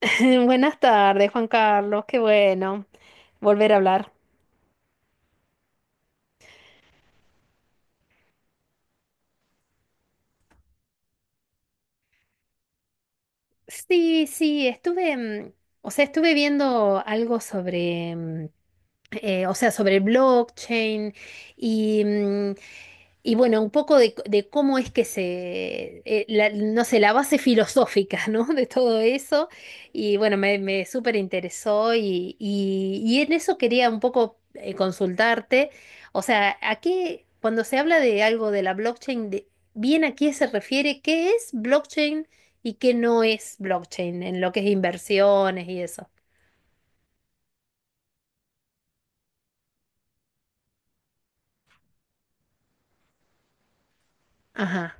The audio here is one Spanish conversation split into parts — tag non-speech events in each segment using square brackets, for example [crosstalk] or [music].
[laughs] Buenas tardes, Juan Carlos. Qué bueno volver a hablar. Sí, sí, estuve, o sea, estuve viendo algo sobre, o sea, sobre blockchain y mm, Y bueno, un poco de, cómo es que se, no sé, la base filosófica, ¿no? [laughs] De todo eso. Y bueno, me súper interesó y en eso quería un poco consultarte. O sea, aquí, cuando se habla de algo de la blockchain, bien a qué se refiere, qué es blockchain y qué no es blockchain en lo que es inversiones y eso. Ajá.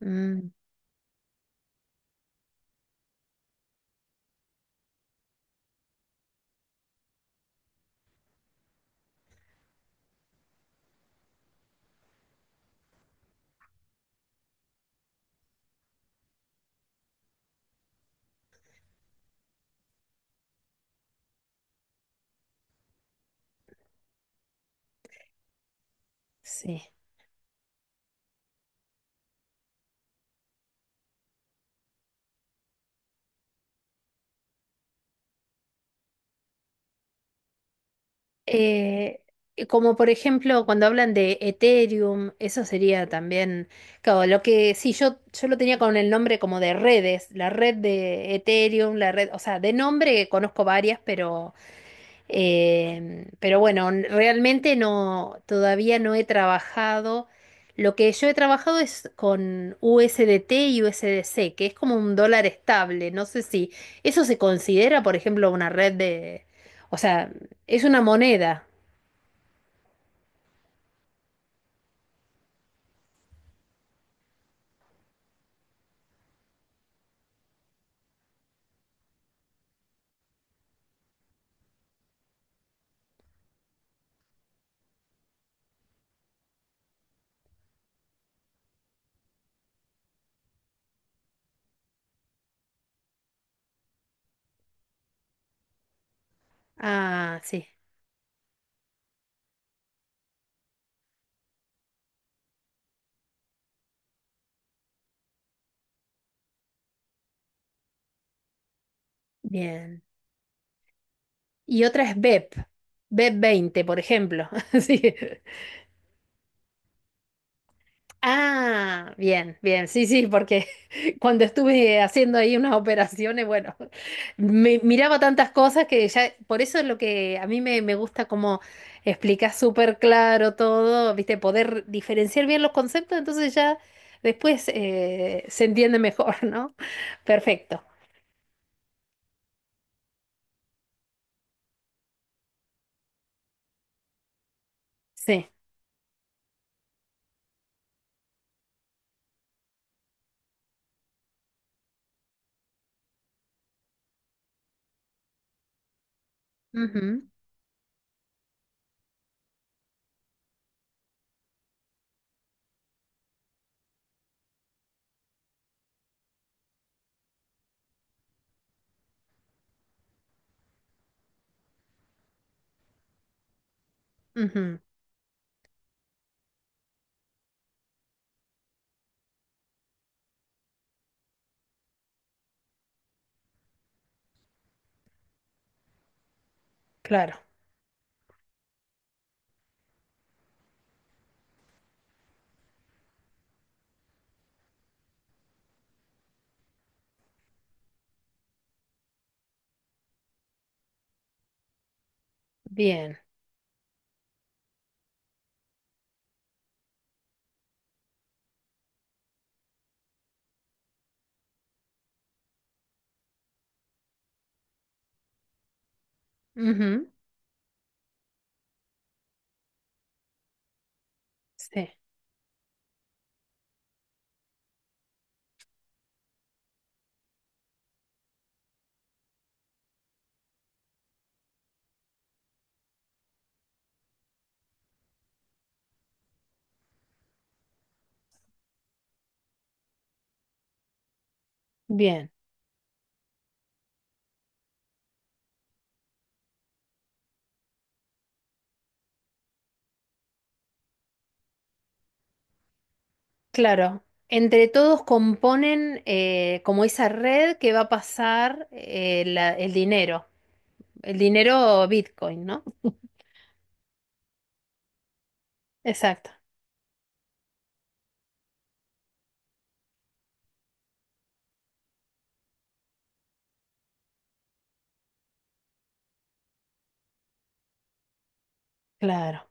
Mm, sí. Eh, como por ejemplo cuando hablan de Ethereum, eso sería también, claro, lo que sí, yo lo tenía con el nombre como de redes, la red de Ethereum, la red, o sea, de nombre conozco varias, pero bueno, realmente no, todavía no he trabajado. Lo que yo he trabajado es con USDT y USDC, que es como un dólar estable. No sé si eso se considera, por ejemplo, una red de, o sea, es una moneda. Ah, sí, bien. Y otra es BEP, BEP20, por ejemplo. [laughs] Sí. Ah, bien, bien, sí, sí, porque [laughs] cuando estuve haciendo ahí unas operaciones, bueno, me miraba tantas cosas que ya, por eso es lo que a mí me gusta como explicás súper claro todo, viste, poder diferenciar bien los conceptos, entonces ya después se entiende mejor, [laughs] ¿no? Perfecto, sí. Ujú, ujú. Claro, bien. Ujú. Sí, bien, claro. Entre todos componen como esa red que va a pasar el dinero Bitcoin, ¿no? Exacto, claro,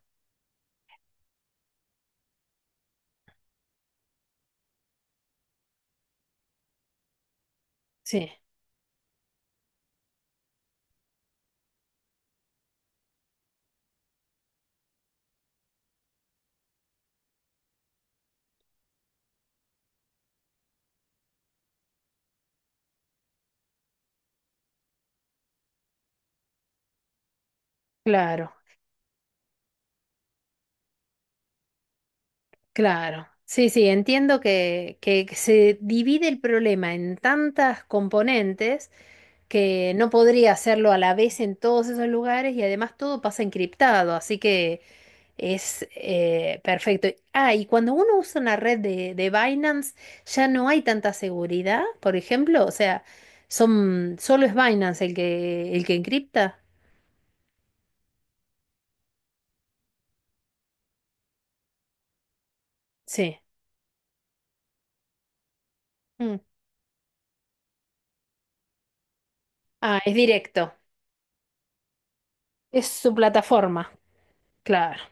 sí, claro. Claro, sí, sí, entiendo que se divide el problema en tantas componentes que no podría hacerlo a la vez en todos esos lugares y además todo pasa encriptado, así que es perfecto. Ah, y cuando uno usa una red de Binance ya no hay tanta seguridad, por ejemplo, o sea, solo es Binance el que encripta. Sí. Mm. Ah, es directo, es su plataforma, claro,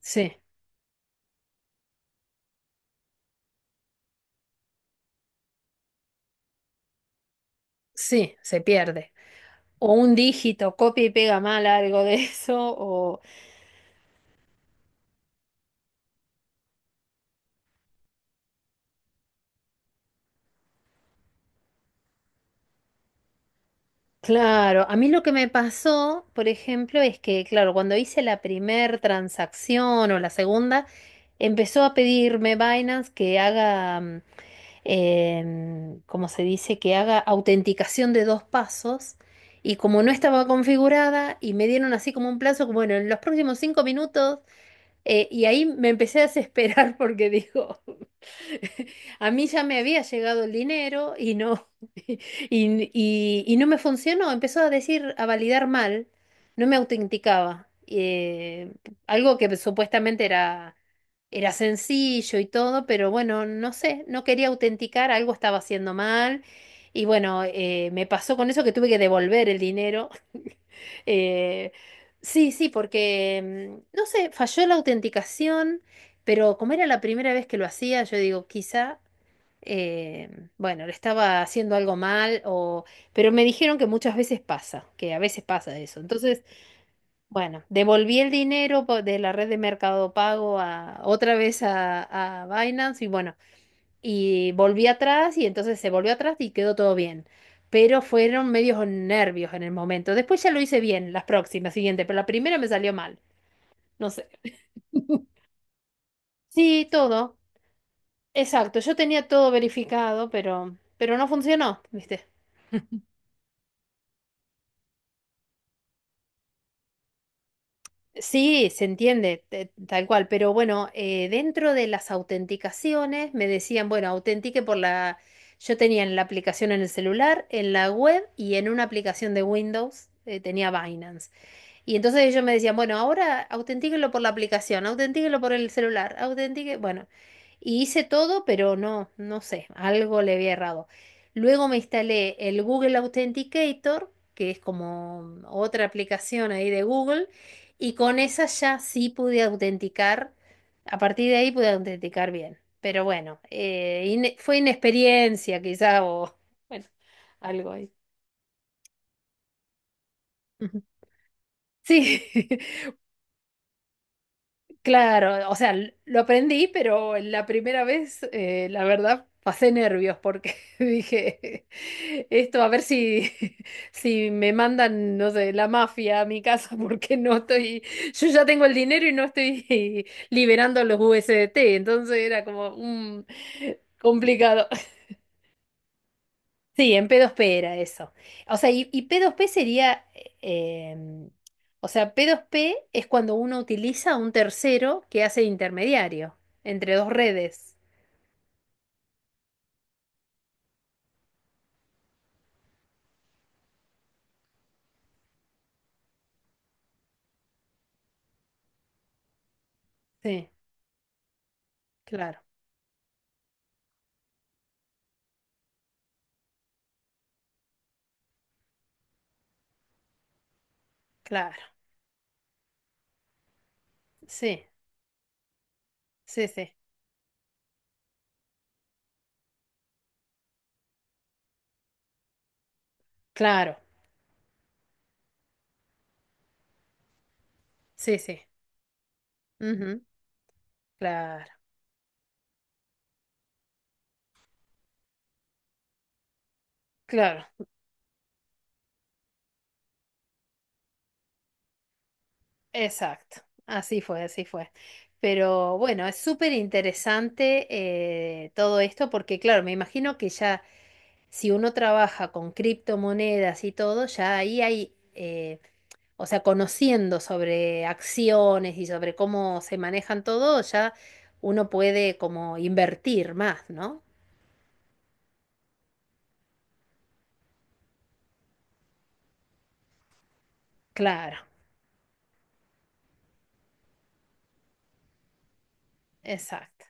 sí. Sí, se pierde. O un dígito, copia y pega mal algo de eso, o. Claro, a mí lo que me pasó, por ejemplo, es que, claro, cuando hice la primer transacción o la segunda, empezó a pedirme Binance que haga, ¿cómo se dice? Que haga autenticación de dos pasos. Y como no estaba configurada y me dieron así como un plazo, como, bueno, en los próximos 5 minutos, y ahí me empecé a desesperar [laughs] porque digo. [laughs] A mí ya me había llegado el dinero y no, [laughs] y, y no me funcionó. Empezó a decir, a validar mal, no me autenticaba. Algo que supuestamente era, era sencillo y todo, pero bueno, no sé, no quería autenticar, algo estaba haciendo mal. Y bueno, me pasó con eso que tuve que devolver el dinero. [laughs] Eh, sí, sí, porque, no sé, falló la autenticación. Pero como era la primera vez que lo hacía, yo digo, quizá bueno, le estaba haciendo algo mal, o, pero me dijeron que muchas veces pasa, que a veces pasa eso. Entonces, bueno, devolví el dinero de la red de Mercado Pago a, otra vez a Binance y bueno, y volví atrás y entonces se volvió atrás y quedó todo bien. Pero fueron medios nervios en el momento. Después ya lo hice bien, las próximas, siguiente, pero la primera me salió mal. No sé. [laughs] Sí, todo. Exacto. Yo tenía todo verificado, pero no funcionó, ¿viste? Sí, se entiende, tal cual, pero bueno, dentro de las autenticaciones me decían, bueno, autentique por la. Yo tenía en la aplicación en el celular, en la web y en una aplicación de Windows, tenía Binance. Y entonces ellos me decían, bueno, ahora autentíquenlo por la aplicación, autentíquenlo por el celular, autentique, bueno. Y hice todo, pero no, no sé, algo le había errado. Luego me instalé el Google Authenticator, que es como otra aplicación ahí de Google, y con esa ya sí pude autenticar. A partir de ahí pude autenticar bien. Pero bueno, fue inexperiencia quizá o [laughs] bueno, algo ahí. Ujú. Sí. [laughs] Claro, o sea, lo aprendí, pero la primera vez, la verdad, pasé nervios porque [laughs] dije, esto a ver si, [laughs] si me mandan, no sé, la mafia a mi casa [laughs] porque no estoy, yo ya tengo el dinero y no estoy [laughs] liberando los USDT, entonces era como un complicado. Sí, en P2P era eso. O sea, y P2P sería, em, o sea, P2P es cuando uno utiliza a un tercero que hace de intermediario entre dos redes. Sí, claro, claro. Sí, sí, sí. Claro, sí, sí. Ujú. Claro, claro. Exacto. Así fue, así fue. Pero bueno, es súper interesante todo esto porque, claro, me imagino que ya. Si uno trabaja con criptomonedas y todo, ya ahí hay, o sea, conociendo sobre acciones y sobre cómo se manejan todo, ya uno puede como invertir más, ¿no? Claro, exacto.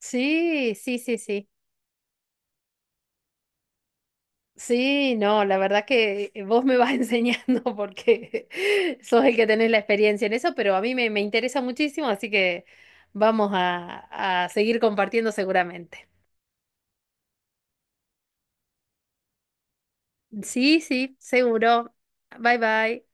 Sí, sí, sí, sí. Sí, no, la verdad que vos me vas [laughs] enseñando porque [laughs] sos el que tenés la experiencia en eso, pero a mí me interesa muchísimo, así que vamos a seguir compartiendo seguramente. Sí, sí, seguro. Bye bye.